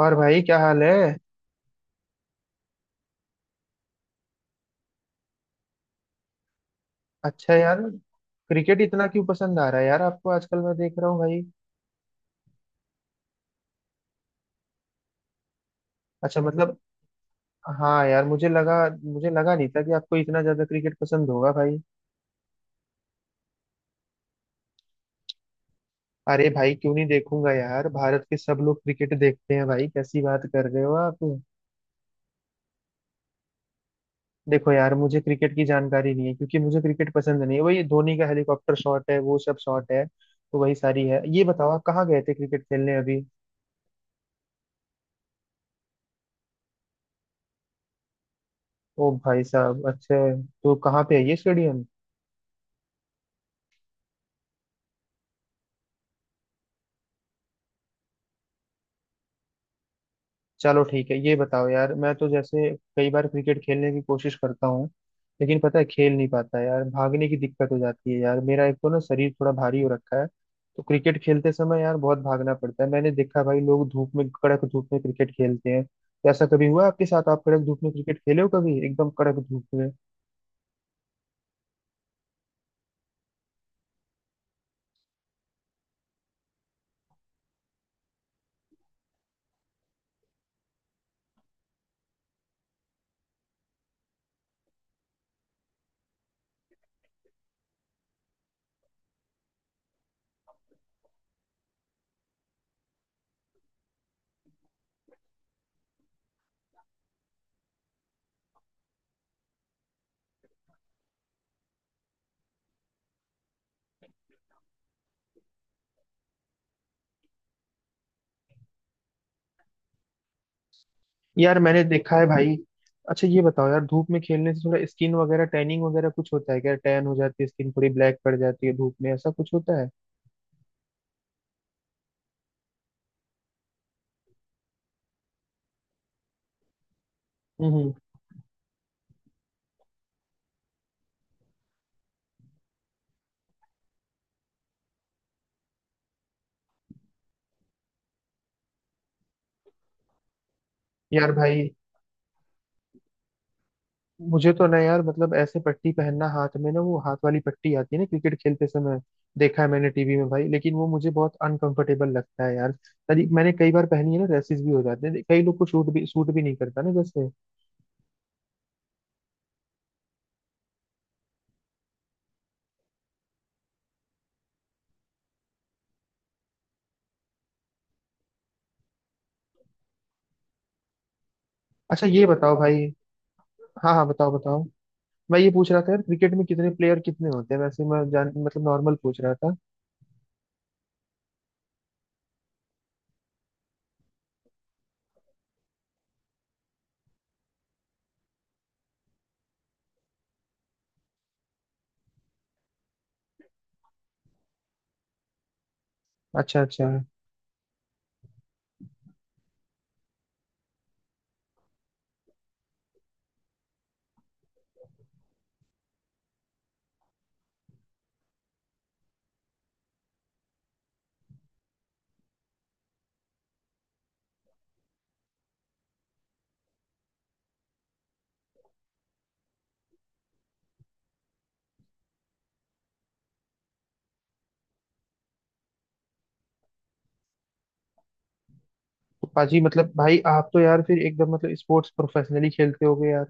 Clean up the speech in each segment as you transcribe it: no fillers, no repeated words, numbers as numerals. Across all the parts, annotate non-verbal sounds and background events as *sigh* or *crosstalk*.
और भाई, क्या हाल है? अच्छा यार। क्रिकेट इतना क्यों पसंद आ रहा है यार आपको आजकल? मैं देख रहा हूँ भाई। अच्छा मतलब। हाँ यार, मुझे लगा नहीं था कि आपको इतना ज्यादा क्रिकेट पसंद होगा भाई। अरे भाई क्यों नहीं देखूंगा यार, भारत के सब लोग क्रिकेट देखते हैं भाई। कैसी बात कर रहे हो आप? देखो यार, मुझे क्रिकेट की जानकारी नहीं है क्योंकि मुझे क्रिकेट पसंद नहीं है। वही धोनी का हेलीकॉप्टर शॉट है, वो सब शॉट है। तो वही सारी है। ये बताओ आप कहाँ गए थे क्रिकेट खेलने अभी? ओ भाई साहब, अच्छा। तो कहाँ पे है ये स्टेडियम? चलो ठीक है। ये बताओ यार, मैं तो जैसे कई बार क्रिकेट खेलने की कोशिश करता हूँ, लेकिन पता है, खेल नहीं पाता यार। भागने की दिक्कत हो जाती है यार। मेरा एक तो ना शरीर थोड़ा भारी हो रखा है। तो क्रिकेट खेलते समय यार बहुत भागना पड़ता है। मैंने देखा भाई, लोग धूप में, कड़क धूप में क्रिकेट खेलते हैं। तो ऐसा कभी हुआ आपके साथ, आप कड़क धूप में क्रिकेट खेले हो कभी, एकदम कड़क धूप में? यार मैंने देखा है भाई। अच्छा ये बताओ यार, धूप में खेलने से थोड़ा स्किन वगैरह, टैनिंग वगैरह कुछ होता है क्या? टैन हो जाती है स्किन, थोड़ी ब्लैक पड़ जाती है धूप में, ऐसा कुछ होता है? हम्म। यार भाई, मुझे तो ना यार मतलब ऐसे पट्टी पहनना हाथ में ना, वो हाथ वाली पट्टी आती है ना क्रिकेट खेलते समय, देखा है मैंने टीवी में भाई। लेकिन वो मुझे बहुत अनकंफर्टेबल लगता है यार। मैंने कई बार पहनी है ना, रैसेस भी हो जाते हैं। कई लोग को शूट भी सूट भी नहीं करता ना जैसे। अच्छा ये बताओ भाई। हाँ हाँ, बताओ बताओ। मैं ये पूछ रहा था यार, क्रिकेट में कितने प्लेयर कितने होते हैं वैसे? मैं जान मतलब नॉर्मल पूछ रहा था। अच्छा अच्छा। तो पाजी, मतलब भाई आप तो यार फिर एकदम मतलब स्पोर्ट्स प्रोफेशनली खेलते होगे यार।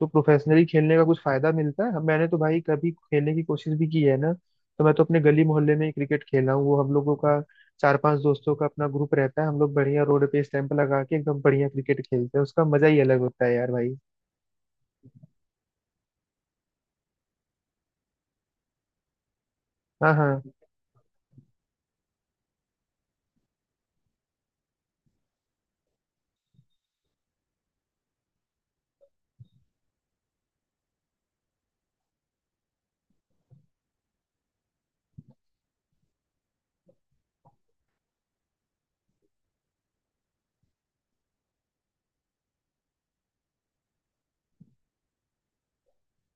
तो प्रोफेशनली खेलने का कुछ फायदा मिलता है? मैंने तो भाई कभी खेलने की कोशिश भी की है ना, तो मैं तो अपने गली मोहल्ले में ही क्रिकेट खेला हूँ। वो हम लोगों का, चार पांच दोस्तों का अपना ग्रुप रहता है। हम लोग बढ़िया रोड पे स्टैंप लगा के एकदम बढ़िया क्रिकेट खेलते हैं। उसका मजा ही अलग होता है यार भाई। हाँ हाँ।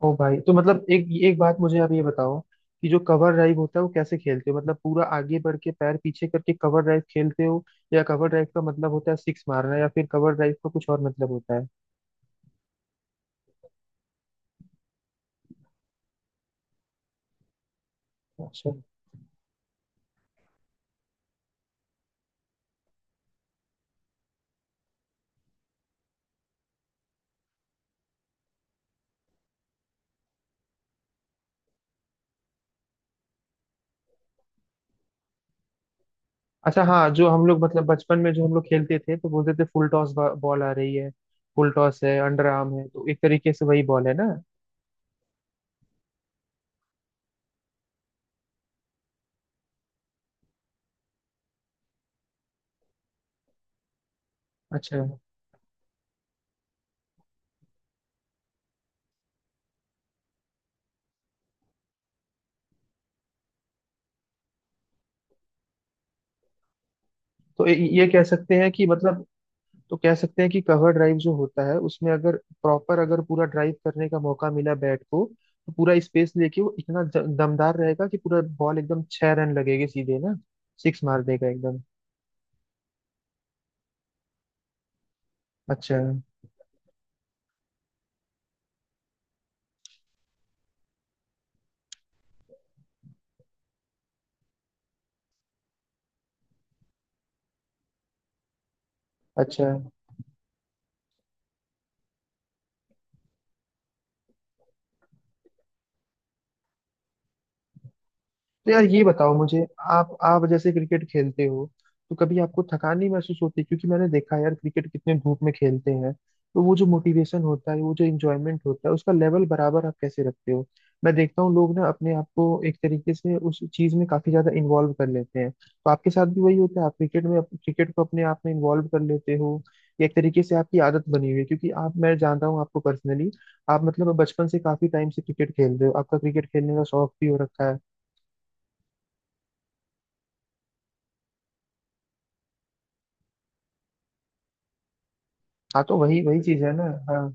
ओ भाई, तो मतलब एक एक बात मुझे आप ये बताओ, कि जो कवर ड्राइव होता है, वो कैसे खेलते हो? मतलब पूरा आगे बढ़ के पैर पीछे करके कवर ड्राइव खेलते हो, या कवर ड्राइव का मतलब होता है सिक्स मारना, या फिर कवर ड्राइव का कुछ और मतलब होता है? अच्छा अच्छा, हाँ। जो हम लोग मतलब बचपन में जो हम लोग खेलते थे तो बोलते थे फुल टॉस, बॉल आ रही है, फुल टॉस है, अंडर आर्म है, तो एक तरीके से वही बॉल है ना? अच्छा। तो ये कह सकते हैं कि मतलब, तो कह सकते हैं कि कवर ड्राइव जो होता है उसमें अगर प्रॉपर, अगर पूरा ड्राइव करने का मौका मिला बैट को, तो पूरा स्पेस लेके वो इतना दमदार रहेगा कि पूरा बॉल एकदम छह रन लगेगी सीधे ना, सिक्स मार देगा एकदम। अच्छा अच्छा। तो यार ये बताओ मुझे, आप जैसे क्रिकेट खेलते हो, तो कभी आपको थकान नहीं महसूस होती? क्योंकि मैंने देखा है यार क्रिकेट कितने धूप में खेलते हैं, तो वो जो मोटिवेशन होता है, वो जो इंजॉयमेंट होता है, उसका लेवल बराबर आप कैसे रखते हो? मैं देखता हूँ लोग ना अपने आप को एक तरीके से उस चीज में काफी ज्यादा इन्वॉल्व कर लेते हैं, तो आपके साथ भी वही होता है? आप क्रिकेट में, क्रिकेट को अपने आप में इन्वॉल्व कर लेते हो, या एक तरीके से आपकी आदत बनी हुई है क्योंकि आप, मैं जानता हूँ आपको पर्सनली, आप मतलब बचपन से काफी टाइम से क्रिकेट खेल रहे हो, आपका क्रिकेट खेलने का शौक भी हो रखा है। हाँ तो वही वही चीज है ना? हाँ।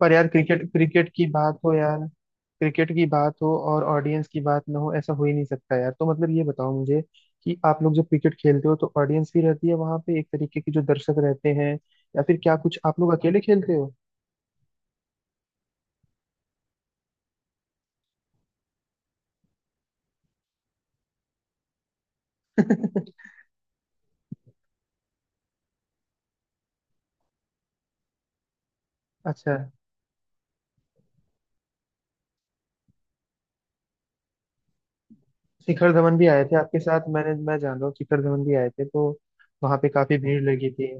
पर यार, क्रिकेट, क्रिकेट की बात हो यार, क्रिकेट की बात हो और ऑडियंस की बात ना हो ऐसा हो ही नहीं सकता यार। तो मतलब ये बताओ मुझे कि आप लोग जब क्रिकेट खेलते हो तो ऑडियंस भी रहती है वहां पे, एक तरीके के जो दर्शक रहते हैं, या फिर क्या कुछ आप लोग अकेले खेलते हो? *laughs* अच्छा। शिखर धवन भी आए थे आपके साथ, मैं जान रहा हूँ शिखर धवन भी आए थे तो वहां पे काफी भीड़ लगी थी।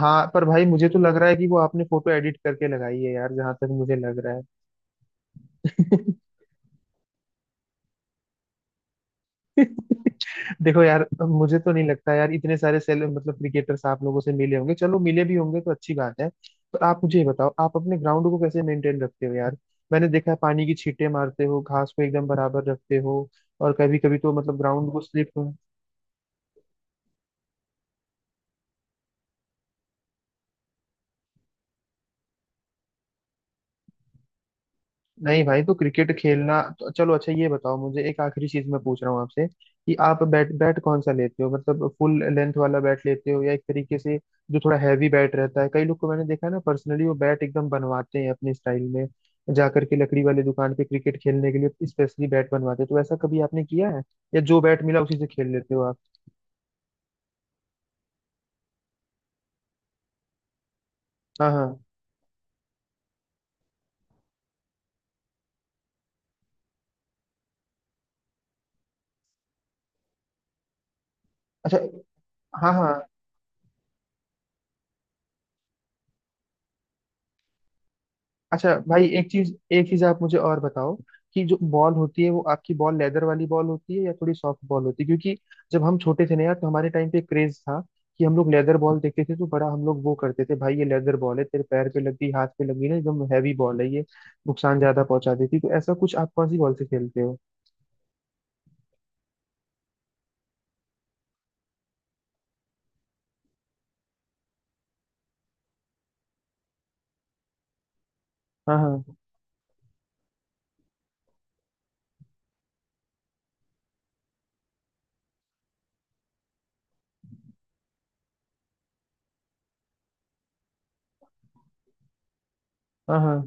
हाँ पर भाई मुझे तो लग रहा है कि वो आपने फोटो एडिट करके लगाई है यार, जहां तक मुझे लग रहा है। *laughs* *laughs* देखो यार मुझे तो नहीं लगता यार, इतने सारे सेल मतलब क्रिकेटर्स आप लोगों से मिले होंगे। चलो मिले भी होंगे तो अच्छी बात है। पर आप मुझे ये बताओ, आप अपने ग्राउंड को कैसे मेंटेन रखते हो यार? मैंने देखा है पानी की छींटे मारते हो, घास को एकदम बराबर रखते हो, और कभी कभी तो मतलब ग्राउंड को स्लिप। नहीं भाई, तो क्रिकेट खेलना तो चलो। अच्छा ये बताओ मुझे, एक आखिरी चीज मैं पूछ रहा हूँ आपसे, कि आप बैट बैट कौन सा लेते हो? मतलब फुल लेंथ वाला बैट लेते हो या एक तरीके से जो थोड़ा हैवी बैट रहता है? कई लोग को मैंने देखा है ना, पर्सनली वो बैट एकदम बनवाते हैं अपने स्टाइल में, जा करके लकड़ी वाले दुकान पे, क्रिकेट खेलने के लिए स्पेशली बैट बनवाते हैं। तो ऐसा कभी आपने किया है, या जो बैट मिला उसी से खेल लेते हो आप? हाँ हाँ। अच्छा। हाँ हाँ। अच्छा भाई, एक चीज आप मुझे और बताओ, कि जो बॉल होती है वो आपकी बॉल, लेदर वाली बॉल होती है या थोड़ी सॉफ्ट बॉल होती है? क्योंकि जब हम छोटे थे ना यार, तो हमारे टाइम पे क्रेज था कि हम लोग लेदर बॉल देखते थे, तो बड़ा हम लोग वो करते थे भाई, ये लेदर बॉल है, तेरे पैर पे लगी हाथ पे लगी ना, एकदम हैवी बॉल है ये, नुकसान ज्यादा पहुंचा देती। तो ऐसा कुछ, आप कौन सी बॉल से खेलते हो? हाँ हाँ। हाँ हाँ।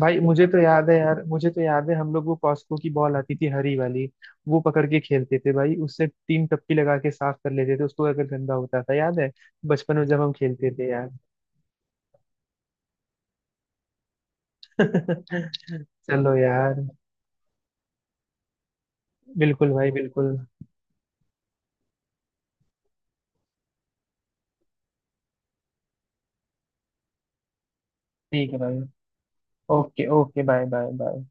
भाई मुझे तो याद है यार, मुझे तो याद है हम लोग वो कॉस्को की बॉल आती थी हरी वाली, वो पकड़ के खेलते थे भाई, उससे तीन टप्पी लगा के साफ कर लेते थे उसको अगर गंदा होता था, याद है बचपन में जब हम खेलते थे यार। *laughs* चलो यार, बिल्कुल भाई, बिल्कुल। ठीक है भाई। Okay okay, bye bye bye.